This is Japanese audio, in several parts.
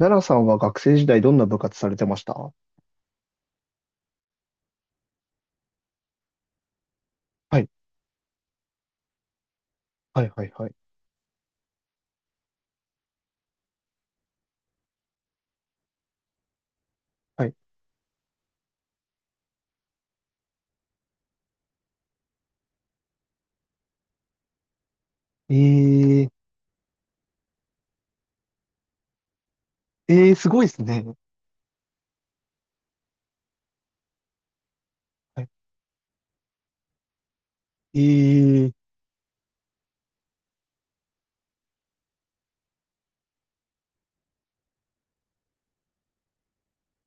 奈良さんは学生時代どんな部活されてましたは？い、はい、はい、はい。はい。えー、えー、すごいですね。はい。えー、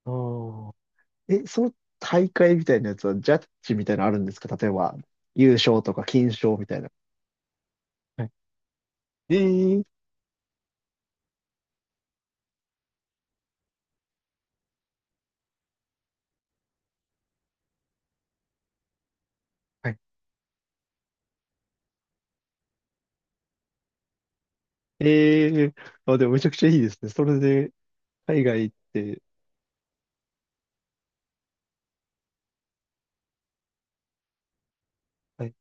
あー、え、その大会みたいなやつは、ジャッジみたいなのあるんですか？例えば、優勝とか金賞みたいな。はい。えー、はい。えー、あ、でもめちゃくちゃいいですね。それで、海外行って、はい、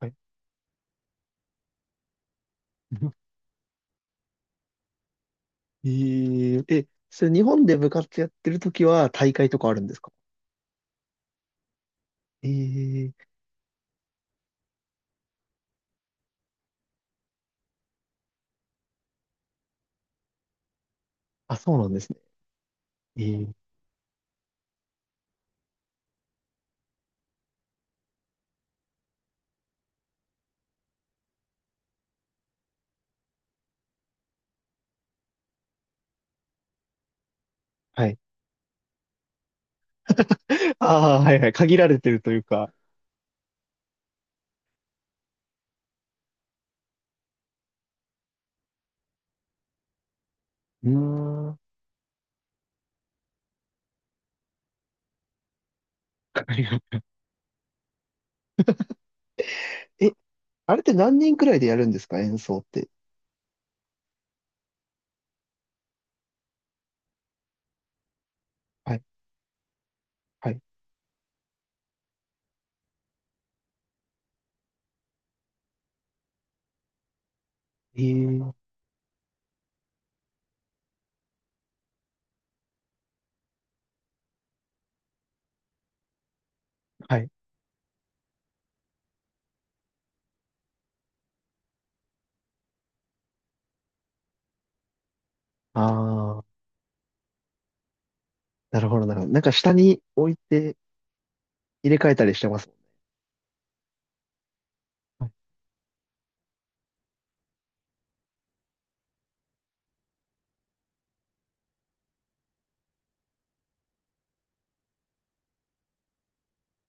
はい。えー、え、それ日本で部活やってるときは大会とかあるんですか？ええ。あ、そうなんですね。えー、はい。ああ、はいはい。限られてるというか。うーん。ありがえ、あれって何人くらいでやるんですか？演奏って。はい、はい。ええ、はい。ああ、なるほど、なるほど。なんか下に置いて入れ替えたりしてます？はい。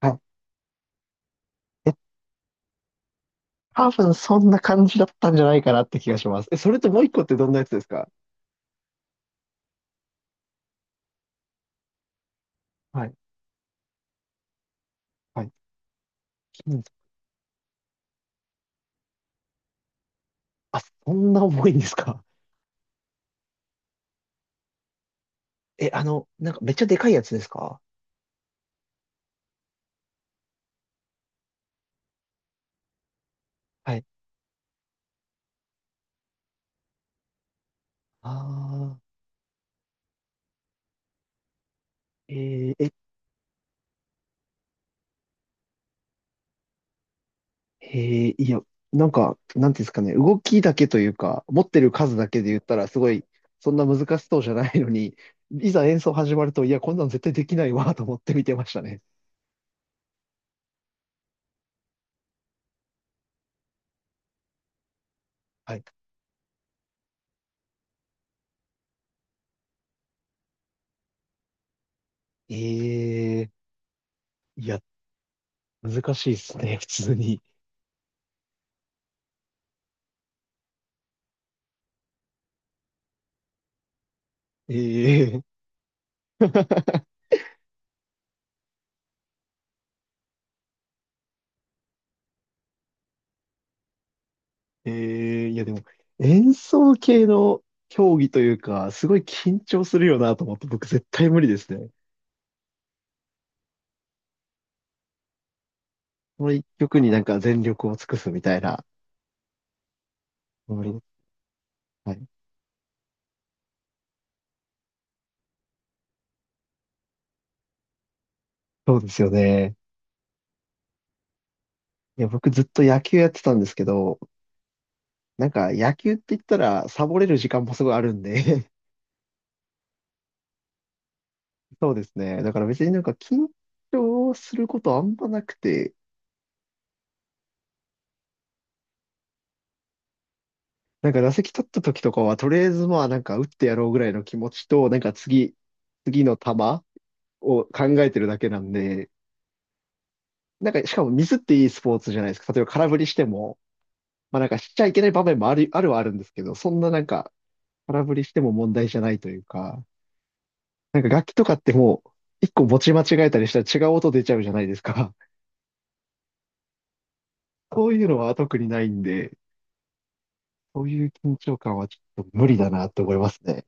はい。え、多分そんな感じだったんじゃないかなって気がします。え、それともう一個ってどんなやつですか？はい、はい。金属、あ、そんな重いんですか？え、あの、なんかめっちゃでかいやつですか？はい。ああ、えー、え、へえ、いや、なんか、なんていうんですかね、動きだけというか、持ってる数だけで言ったら、すごい、そんな難しそうじゃないのに、いざ演奏始まると、いや、こんなの絶対できないわ、と思って見てましたね。はい。ええ、いや、難しいですね、普通に。ええ。ええ、いや、でも、演奏系の競技というか、すごい緊張するよな、と思って、僕絶対無理ですね。この一曲になんか全力を尽くすみたいな。無理。はい。そうですよね。いや、僕ずっと野球やってたんですけど、なんか野球って言ったらサボれる時間もすごいあるんで そうですね。だから別になんか緊張することあんまなくて、なんか打席立った時とかはとりあえずまあなんか打ってやろうぐらいの気持ちと、なんか次の球を考えてるだけなんで、なんかしかもミスっていいスポーツじゃないですか。例えば空振りしても、まあなんかしちゃいけない場面もある、あるはあるんですけど、そんななんか空振りしても問題じゃないというか、なんか楽器とかってもう、一個持ち間違えたりしたら違う音出ちゃうじゃないですか。そういうのは特にないんで、そういう緊張感はちょっと無理だなって思いますね。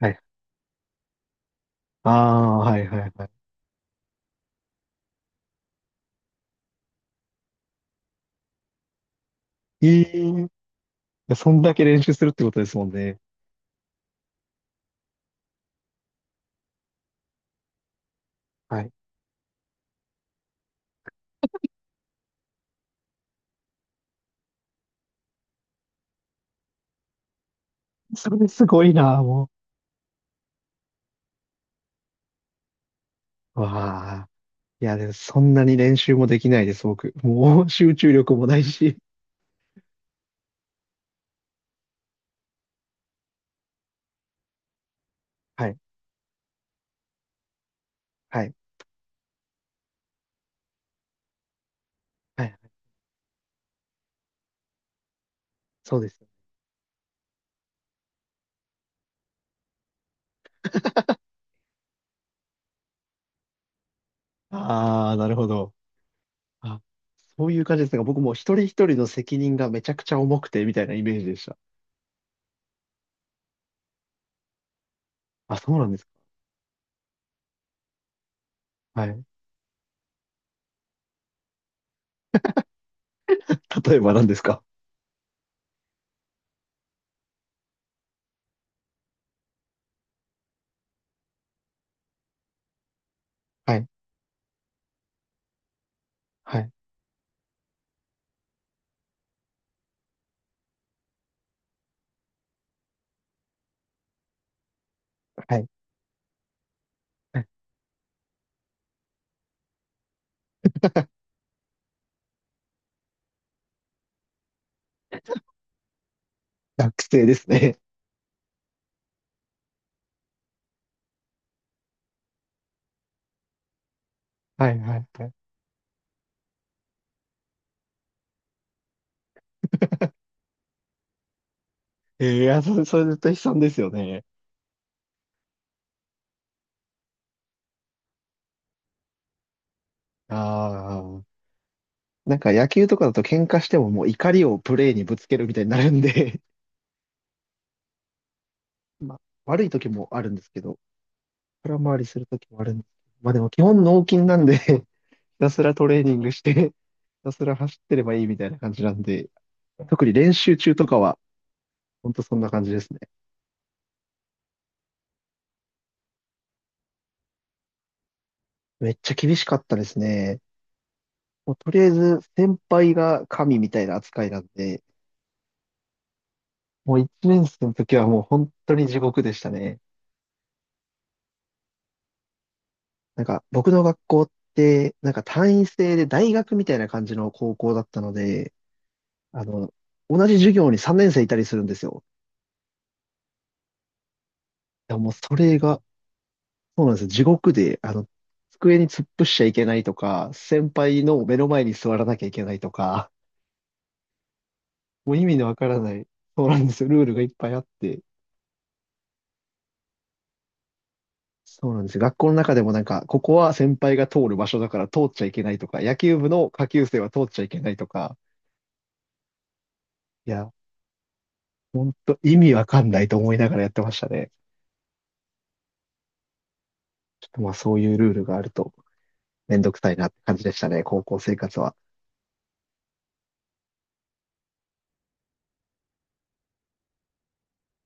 はい。ああ、はいはいはい。ええ、そんだけ練習するってことですもんね。はい。それすごいな、もう。わあ。いや、でもそんなに練習もできないです、僕。もう集中力もないし。はい。はい。はい。そうです。ああ、なるほど。あ、そういう感じですが、僕も一人一人の責任がめちゃくちゃ重くて、みたいなイメージでした。あ、そうなんですか。はい。例えば何ですか？はい、はい、はい。学生ですね。はい、はい、はい。いや、それ絶対悲惨ですよね。ああ。なんか野球とかだと喧嘩してももう怒りをプレーにぶつけるみたいになるんで まあ、悪い時もあるんですけど、空回りする時もあるんです。まあでも基本脳筋なんで ひたすらトレーニングして、ひたすら走ってればいいみたいな感じなんで、特に練習中とかは、ほんとそんな感じですね。めっちゃ厳しかったですね。もうとりあえず先輩が神みたいな扱いなんで、もう一年生の時はもう本当に地獄でしたね。なんか僕の学校って、なんか単位制で大学みたいな感じの高校だったので、あの、同じ授業に3年生いたりするんですよ。いやもうそれが、そうなんですよ。地獄で、机に突っ伏しちゃいけないとか、先輩の目の前に座らなきゃいけないとか、もう意味のわからない、そうなんですよ。ルールがいっぱいあって。そうなんですよ。学校の中でもなんか、ここは先輩が通る場所だから通っちゃいけないとか、野球部の下級生は通っちゃいけないとか、いや、ほんと意味わかんないと思いながらやってましたね。ちょっとまあそういうルールがあるとめんどくさいなって感じでしたね、高校生活は。